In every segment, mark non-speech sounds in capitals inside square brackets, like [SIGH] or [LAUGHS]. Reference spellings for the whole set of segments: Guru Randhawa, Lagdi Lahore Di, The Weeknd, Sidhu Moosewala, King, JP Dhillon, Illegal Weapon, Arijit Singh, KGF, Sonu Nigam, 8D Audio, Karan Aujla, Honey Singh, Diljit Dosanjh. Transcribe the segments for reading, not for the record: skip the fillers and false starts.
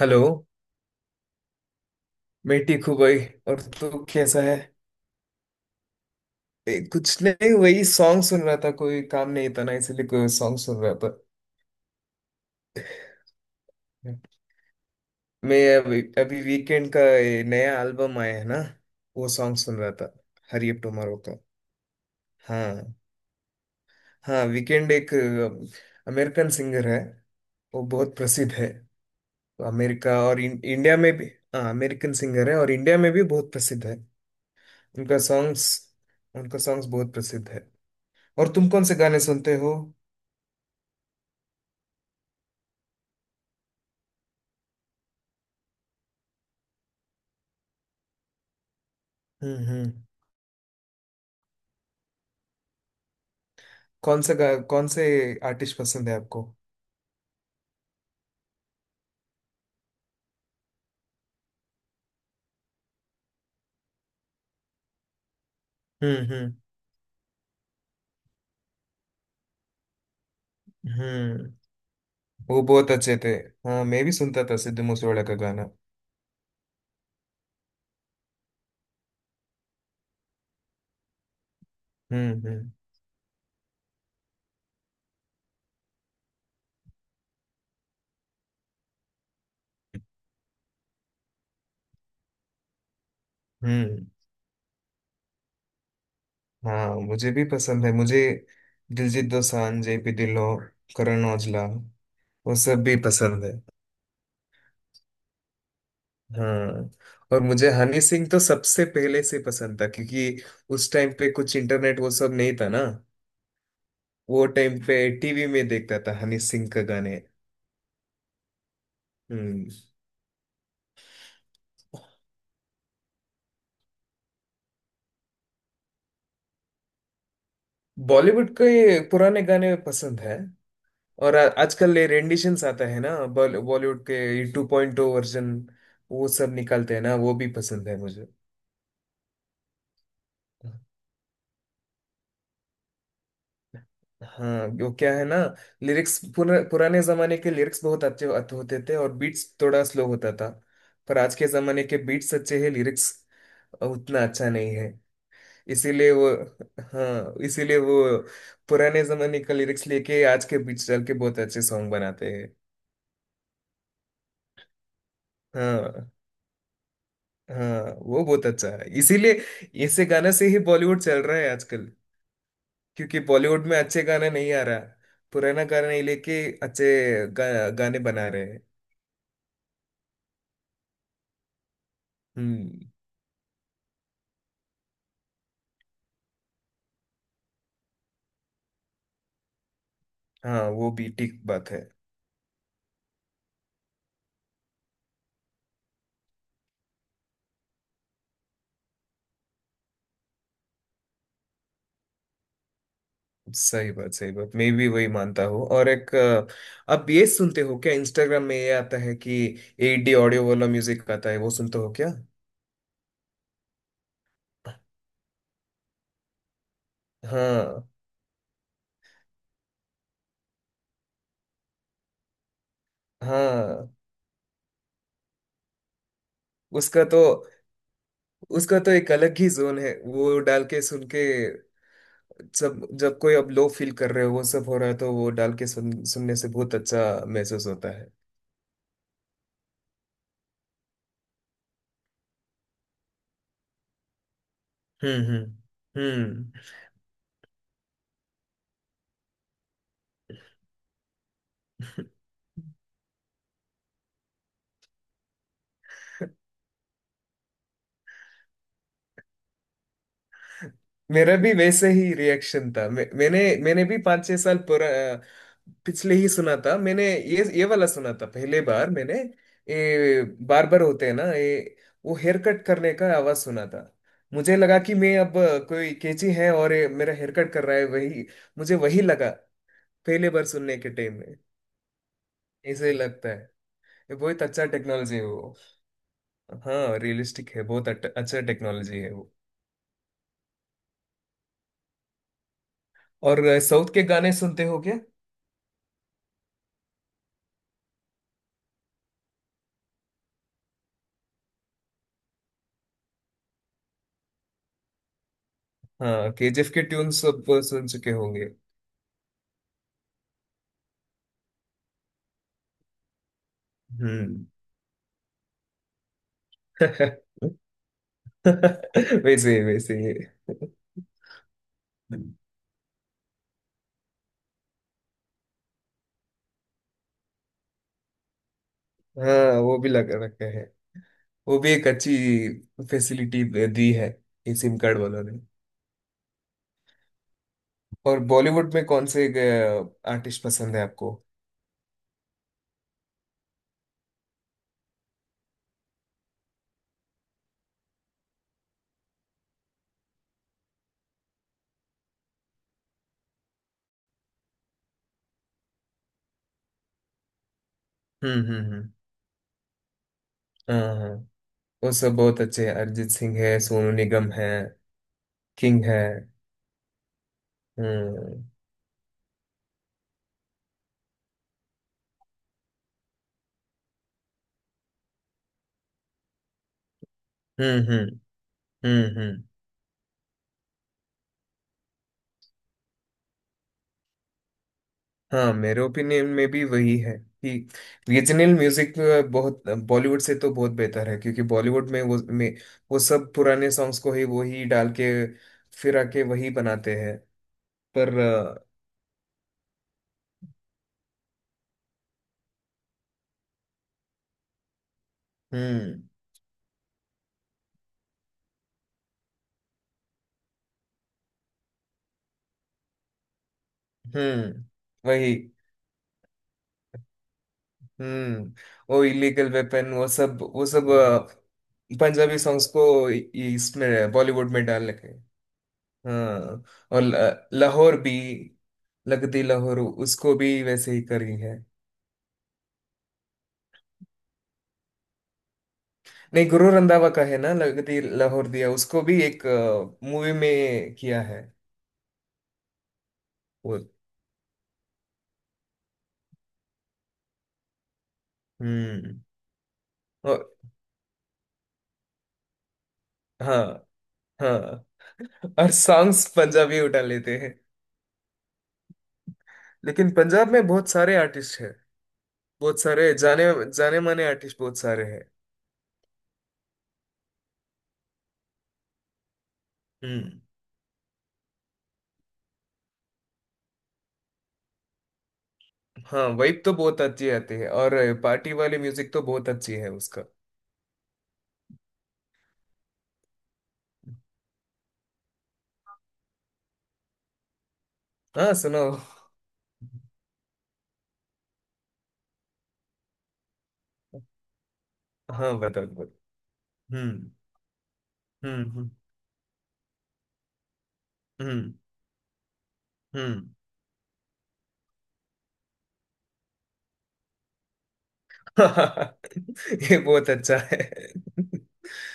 Hello. मैं ठीक हूँ भाई। और तू कैसा है? कुछ नहीं वही सॉन्ग सुन रहा था। कोई काम नहीं था ना इसलिए कोई सॉन्ग सुन रहा था। मैं अभी अभी वीकेंड का ये नया एल्बम आया है ना, वो सॉन्ग सुन रहा था। हरी अप टुमारो का। हाँ, हाँ, वीकेंड एक अमेरिकन सिंगर है। वो बहुत प्रसिद्ध है। अमेरिका और इंडिया में भी। हाँ अमेरिकन सिंगर है और इंडिया में भी बहुत प्रसिद्ध है। उनका सॉन्ग्स उनका सॉन्ग्स बहुत प्रसिद्ध है। और तुम कौन से गाने सुनते हो? हम्म। कौन से आर्टिस्ट पसंद है आपको? हम्म हम्म हम्म। वो बहुत अच्छे थे। हाँ मैं भी सुनता था सिद्धू मूसेवाला का गाना। हम्म हम्म हम्म। हाँ मुझे भी पसंद है। मुझे दिलजीत दोसांझ, जेपी ढिल्लों, करण औजला, वो सब भी पसंद है। हाँ। और मुझे हनी सिंह तो सबसे पहले से पसंद था क्योंकि उस टाइम पे कुछ इंटरनेट वो सब नहीं था ना। वो टाइम पे टीवी में देखता था हनी सिंह का गाने। हम्म। बॉलीवुड के पुराने गाने पसंद है। और आजकल ये रेंडिशंस आता है ना, बॉलीवुड के टू पॉइंट ओ वर्जन, वो सब निकालते हैं ना, वो भी पसंद है मुझे। हाँ वो क्या है ना, पुराने जमाने के लिरिक्स बहुत अच्छे अच्छे होते थे और बीट्स थोड़ा स्लो होता था। पर आज के जमाने के बीट्स अच्छे हैं, लिरिक्स उतना अच्छा नहीं है। इसीलिए वो हाँ, इसीलिए वो पुराने जमाने का लिरिक्स लेके आज के बीट्स डाल के बहुत अच्छे सॉन्ग बनाते हैं। हाँ, हाँ वो बहुत अच्छा है, इसीलिए ऐसे गाना से ही बॉलीवुड चल रहा है आजकल। क्योंकि बॉलीवुड में अच्छे गाने नहीं आ रहा, पुराना गाना ही लेके गाने बना रहे हैं। हम्म। हाँ वो भी ठीक बात है। सही बात, सही बात, मैं भी वही मानता हूँ। और अब ये सुनते हो क्या, इंस्टाग्राम में ये आता है कि एट डी ऑडियो वाला म्यूजिक आता है, वो सुनते हो क्या? हाँ, हाँ। उसका तो उसका तो एक अलग ही जोन है। वो डाल के सुन के, सब जब कोई अब लो फील कर रहे हो, वो सब हो रहा है, तो वो डाल के सुनने से बहुत अच्छा महसूस होता है। हम्म। [LAUGHS] मेरा भी वैसे ही रिएक्शन था। मैंने भी पाँच छह साल पुरा पिछले ही सुना था। मैंने ये वाला सुना था पहले बार मैंने। ये बार बार होते हैं ना ये। वो हेयर कट करने का आवाज सुना था। मुझे लगा कि मैं अब, कोई कैची है और ये मेरा हेयर कट कर रहा है। वही मुझे वही लगा। पहले बार सुनने के टाइम में ऐसे ही लगता है। ये बहुत अच्छा टेक्नोलॉजी है वो। हाँ रियलिस्टिक है, बहुत अच्छा टेक्नोलॉजी है वो। और साउथ के गाने सुनते हो क्या? हाँ केजीएफ के ट्यून सब सुन चुके होंगे। हम्म। [LAUGHS] वैसे ही, वैसे ही। हाँ वो भी लग रखा है। वो भी एक अच्छी फैसिलिटी दी है ये सिम कार्ड वालों ने। और बॉलीवुड में कौन से आर्टिस्ट पसंद है आपको? हम्म। हाँ, हाँ, वो सब बहुत अच्छे हैं। अरिजीत सिंह है, सोनू निगम है, किंग है। हम्म हम्म हम्म हम्म हम्म। हाँ मेरे ओपिनियन में भी वही है कि रीजनल म्यूजिक बहुत, बॉलीवुड से तो बहुत बेहतर है क्योंकि बॉलीवुड में वो सब पुराने सॉन्ग्स को ही वो ही डाल के फिर आके वही बनाते हैं। पर अ, हम्म हम्म वही हम्म। वो इलीगल वेपन, वो सब, पंजाबी सॉन्ग्स को इ- इसमें बॉलीवुड में डाल के। हाँ और लाहौर भी। लगदी लाहौर उसको भी वैसे ही करी है। नहीं, गुरु रंधावा का है ना लगदी लाहौर दिया, उसको भी एक मूवी में किया है। वो हम्म। और हाँ, हाँ, और सॉन्ग्स पंजाबी उठा लेते हैं, लेकिन पंजाब में बहुत सारे आर्टिस्ट हैं। बहुत सारे जाने जाने माने आर्टिस्ट बहुत सारे हैं। हम्म। हाँ वाइब तो बहुत अच्छी आती है और पार्टी वाली म्यूजिक तो बहुत अच्छी है उसका। हाँ सुनो। हाँ बताओ, बताओ। हम्म हम्म हम्म हम्म हम्म। [LAUGHS] ये बहुत अच्छा है।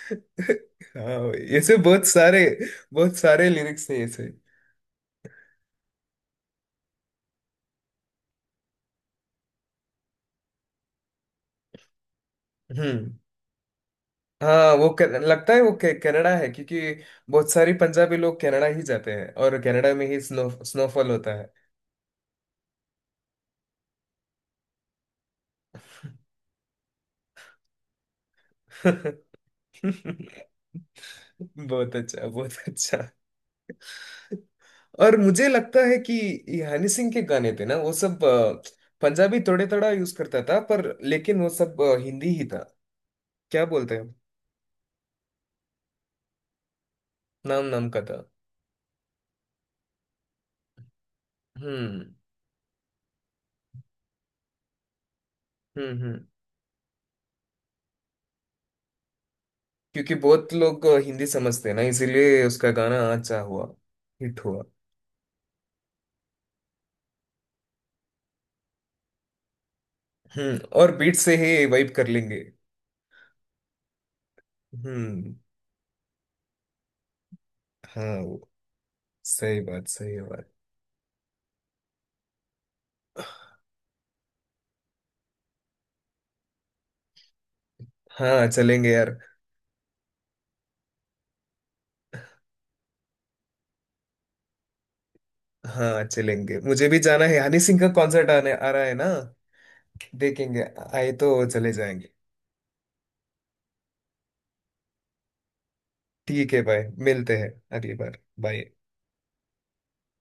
हाँ भाई, ऐसे बहुत सारे लिरिक्स है ऐसे। हम्म। हाँ लगता है कनाडा है क्योंकि बहुत सारी पंजाबी लोग कनाडा ही जाते हैं और कनाडा में ही स्नोफॉल होता है। [LAUGHS] बहुत अच्छा, बहुत अच्छा। और मुझे लगता है कि ये हनी सिंह के गाने थे ना, वो सब पंजाबी थोड़े थोड़ा यूज करता था, पर लेकिन वो सब हिंदी ही था। क्या बोलते हैं, नाम नाम का था। हम्म हम्म। क्योंकि बहुत लोग हिंदी समझते हैं ना इसीलिए उसका गाना अच्छा हुआ, हिट हुआ। हम्म। और बीट से ही वाइब कर लेंगे। हम्म। हाँ वो, सही बात, सही बात। हाँ चलेंगे यार। हाँ चलेंगे, मुझे भी जाना है, हनी सिंह का कॉन्सर्ट आने आ रहा है ना, देखेंगे, आए तो चले जाएंगे। ठीक है भाई, मिलते हैं अगली बार। बाय।